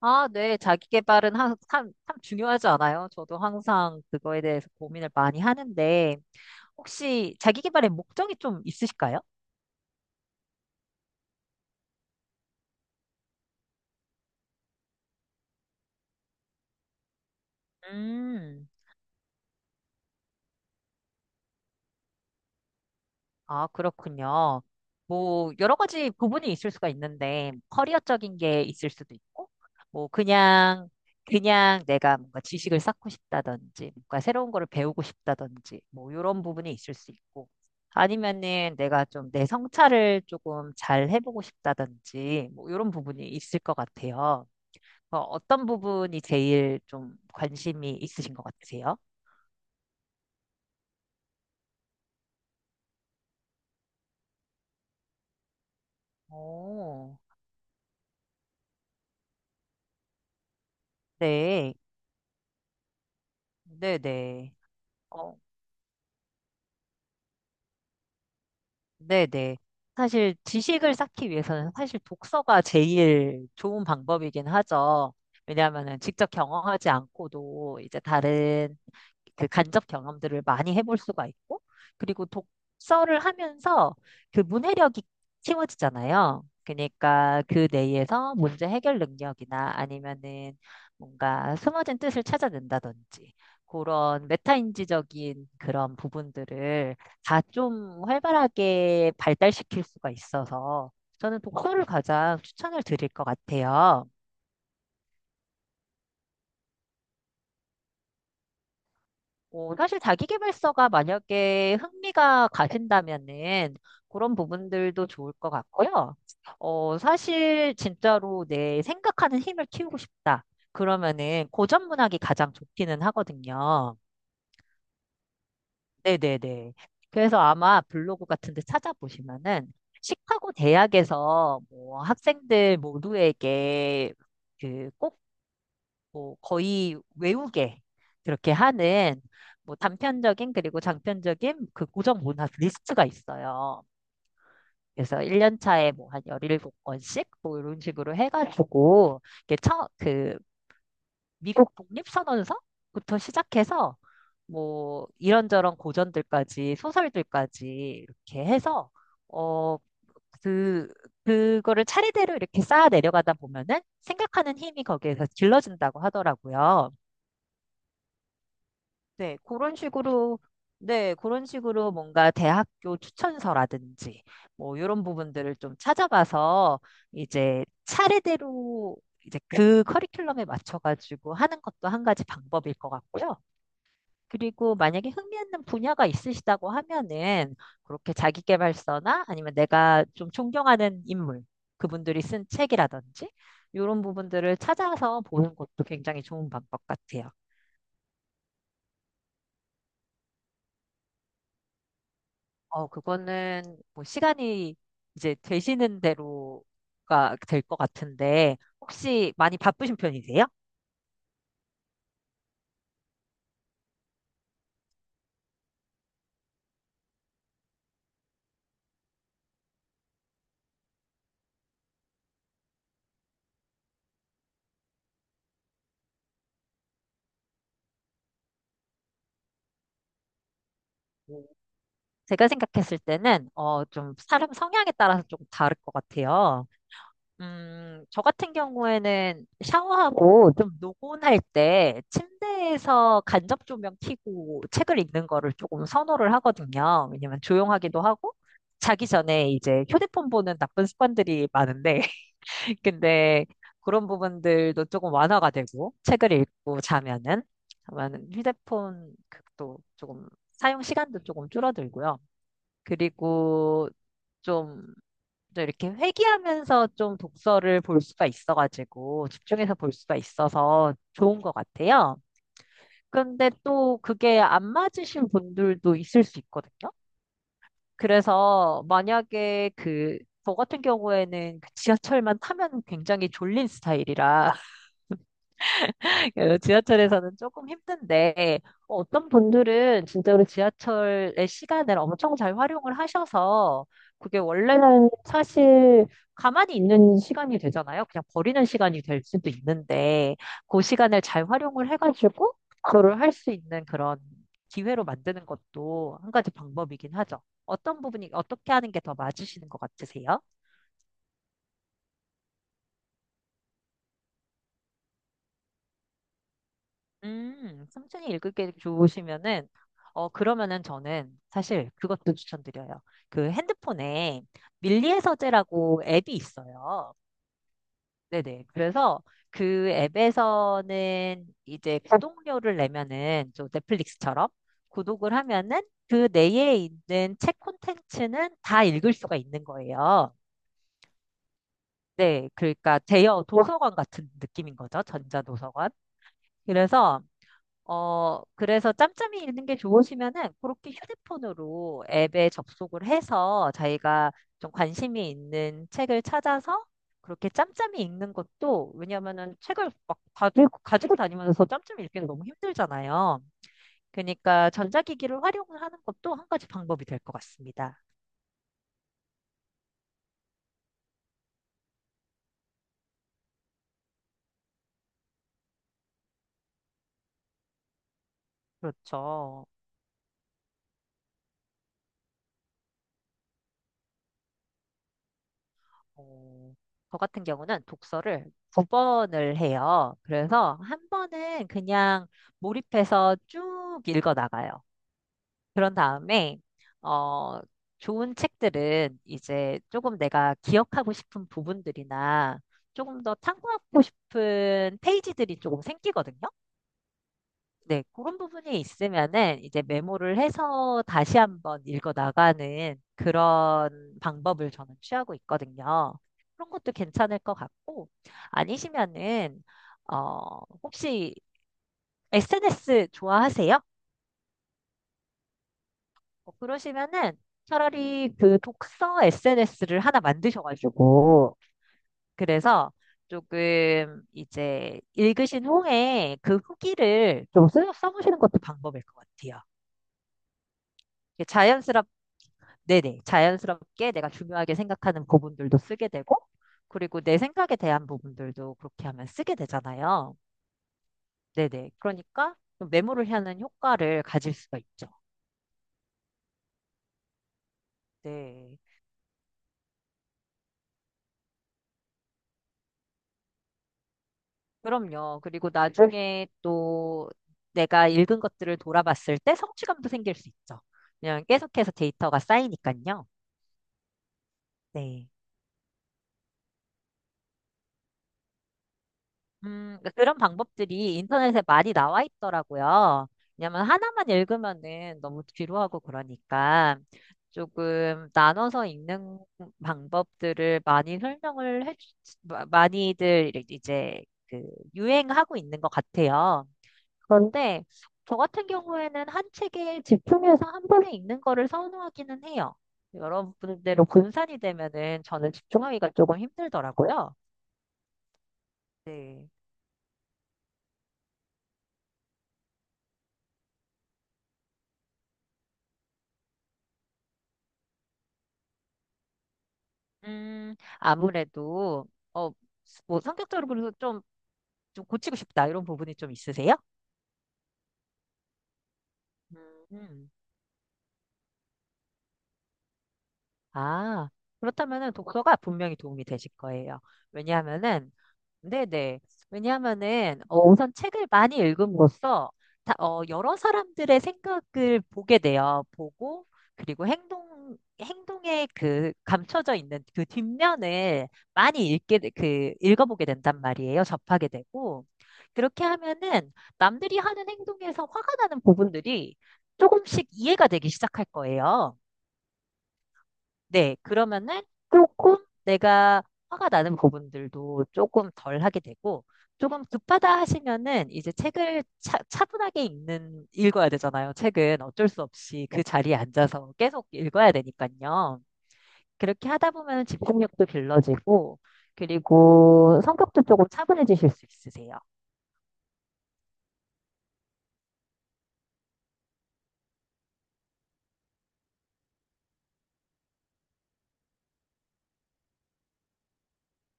아, 네. 자기 개발은 참 중요하지 않아요? 저도 항상 그거에 대해서 고민을 많이 하는데, 혹시 자기 개발의 목적이 좀 있으실까요? 음. 아, 그렇군요. 뭐, 여러 가지 부분이 있을 수가 있는데, 커리어적인 게 있을 수도 있고, 뭐, 그냥 내가 뭔가 지식을 쌓고 싶다든지, 뭔가 새로운 거를 배우고 싶다든지, 뭐, 이런 부분이 있을 수 있고, 아니면은 내가 좀 내 성찰을 조금 잘 해보고 싶다든지, 뭐, 이런 부분이 있을 것 같아요. 어, 어떤 부분이 제일 좀 관심이 있으신 것 같으세요? 오, 네, 네네. 어, 네네. 사실 지식을 쌓기 위해서는 사실 독서가 제일 좋은 방법이긴 하죠. 왜냐하면은 직접 경험하지 않고도 이제 다른 그 간접 경험들을 많이 해볼 수가 있고, 그리고 독서를 하면서 그 문해력이 키워지잖아요. 그러니까 그 내에서 문제 해결 능력이나 아니면은 뭔가 숨어진 뜻을 찾아낸다든지 그런 메타인지적인 그런 부분들을 다 좀 활발하게 발달시킬 수가 있어서 저는 독서를 가장 추천을 드릴 것 같아요. 어, 사실 자기계발서가 만약에 흥미가 가신다면은 그런 부분들도 좋을 것 같고요. 어, 사실 진짜로 내 생각하는 힘을 키우고 싶다. 그러면은 고전 문학이 가장 좋기는 하거든요. 네네네. 그래서 아마 블로그 같은 데 찾아보시면은 시카고 대학에서 뭐 학생들 모두에게 그 꼭 뭐 거의 외우게 그렇게 하는 뭐 단편적인 그리고 장편적인 그 고정 문학 리스트가 있어요. 그래서 1년 차에 뭐 한 1 7권씩 뭐 이런 식으로 해가지고 이게 처, 그 미국 독립선언서부터 시작해서 뭐 이런저런 고전들까지 소설들까지 이렇게 해서 어, 그 그거를 차례대로 이렇게 쌓아 내려가다 보면은 생각하는 힘이 거기에서 길러진다고 하더라고요. 네, 그런 식으로 네, 그런 식으로 뭔가 대학교 추천서라든지 뭐 이런 부분들을 좀 찾아봐서 이제 차례대로 이제 그 커리큘럼에 맞춰가지고 하는 것도 한 가지 방법일 것 같고요. 그리고 만약에 흥미있는 분야가 있으시다고 하면은 그렇게 자기계발서나 아니면 내가 좀 존경하는 인물, 그분들이 쓴 책이라든지 이런 부분들을 찾아서 보는 것도 굉장히 좋은 방법 같아요. 어, 그거는 뭐 시간이 이제 되시는 대로가 될 것 같은데, 혹시 많이 바쁘신 편이세요? 제가 생각했을 때는, 어, 좀 사람 성향에 따라서 조금 다를 것 같아요. 저 같은 경우에는 샤워하고 좀 노곤할 때 침대에서 간접 조명 켜고 책을 읽는 거를 조금 선호를 하거든요. 왜냐면 조용하기도 하고 자기 전에 이제 휴대폰 보는 나쁜 습관들이 많은데 근데 그런 부분들도 조금 완화가 되고 책을 읽고 자면은 휴대폰 도 조금 사용 시간도 조금 줄어들고요. 그리고 좀 또 이렇게 회귀하면서 좀 독서를 볼 수가 있어가지고 집중해서 볼 수가 있어서 좋은 것 같아요. 근데 또 그게 안 맞으신 분들도 있을 수 있거든요. 그래서 만약에 그, 저 같은 경우에는 그 지하철만 타면 굉장히 졸린 스타일이라 지하철에서는 조금 힘든데, 뭐 어떤 분들은 진짜로 지하철의 시간을 엄청 잘 활용을 하셔서, 그게 원래는 사실 가만히 있는 시간이 되잖아요. 그냥 버리는 시간이 될 수도 있는데, 그 시간을 잘 활용을 해가지고, 그거를 할 수 있는 그런 기회로 만드는 것도 한 가지 방법이긴 하죠. 어떤 부분이, 어떻게 하는 게 더 맞으시는 것 같으세요? 천천이 읽기 좋으시면은, 어, 그러면은 저는 사실 그것도 추천드려요. 그 핸드폰에 밀리의 서재라고 앱이 있어요. 네네. 그래서 그 앱에서는 이제 구독료를 내면은, 저 넷플릭스처럼 구독을 하면은 그 내에 있는 책 콘텐츠는 다 읽을 수가 있는 거예요. 네. 그러니까 대여 도서관 같은 느낌인 거죠. 전자도서관. 그래서 어, 그래서 짬짬이 읽는 게 좋으시면은 그렇게 휴대폰으로 앱에 접속을 해서 자기가 좀 관심이 있는 책을 찾아서 그렇게 짬짬이 읽는 것도 왜냐면은 책을 막 가지고 다니면서 짬짬이 읽기는 너무 힘들잖아요. 그러니까 전자기기를 활용하는 것도 한 가지 방법이 될 것 같습니다. 그렇죠. 어, 저 같은 경우는 독서를 두 번을 해요. 그래서 한 번은 그냥 몰입해서 쭉 읽어 나가요. 그런 다음에, 어, 좋은 책들은 이제 조금 내가 기억하고 싶은 부분들이나 조금 더 탐구하고 싶은 페이지들이 조금 생기거든요. 네, 그런 부분이 있으면은 이제 메모를 해서 다시 한번 읽어 나가는 그런 방법을 저는 취하고 있거든요. 그런 것도 괜찮을 것 같고, 아니시면은, 어, 혹시 SNS 좋아하세요? 어, 그러시면은 차라리 그 독서 SNS를 하나 만드셔가지고, 그래서 조금 이제 읽으신 후에 그 후기를 좀 써보시는 것도 방법일 것 같아요. 이게 자연스럽, 네네, 자연스럽게 내가 중요하게 생각하는 부분들도 쓰게 되고, 그리고 내 생각에 대한 부분들도 그렇게 하면 쓰게 되잖아요. 네네, 그러니까 좀 메모를 하는 효과를 가질 수가 있죠. 네. 그럼요. 그리고 나중에 또 내가 읽은 것들을 돌아봤을 때 성취감도 생길 수 있죠. 왜냐면 계속해서 데이터가 쌓이니까요. 네. 그러니까 그런 방법들이 인터넷에 많이 나와 있더라고요. 왜냐면 하나만 읽으면은 너무 지루하고 그러니까 조금 나눠서 읽는 방법들을 많이 설명을 해, 주- 마- 많이들 이제 그 유행하고 있는 것 같아요. 그런데 저 같은 경우에는 한 책에 집중해서 한 번에 읽는 거를 선호하기는 해요. 여러분들대로 분산이 되면은 저는 집중하기가 조금 힘들더라고요. 네. 아무래도 어, 뭐 성격적으로 좀, 좀 고치고 싶다 이런 부분이 좀 있으세요? 음. 아, 그렇다면은 독서가 분명히 도움이 되실 거예요. 왜냐하면은 네네. 왜냐하면은 어, 우선 책을 많이 읽음으로써 다, 어, 여러 사람들의 생각을 보게 돼요. 보고 그리고 행동 행동에 그 감춰져 있는 그 뒷면을 많이 읽게 돼- 그 읽어보게 된단 말이에요. 접하게 되고 그렇게 하면은 남들이 하는 행동에서 화가 나는 부분들이 조금씩 이해가 되기 시작할 거예요. 네, 그러면은 조금 내가 화가 나는 부분들도 조금 덜 하게 되고, 조금 급하다 하시면은 이제 책을 차분하게 읽어야 되잖아요. 책은 어쩔 수 없이 그 자리에 앉아서 계속 읽어야 되니까요. 그렇게 하다 보면 집중력도 길러지고, 그리고 성격도 조금 차분해지실 수 있으세요.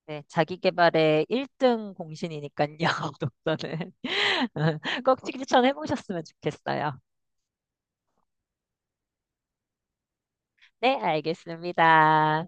네, 자기 개발의 1등 공신이니까요, 독서는. 꼭 추천해 보셨으면 좋겠어요. 네, 알겠습니다.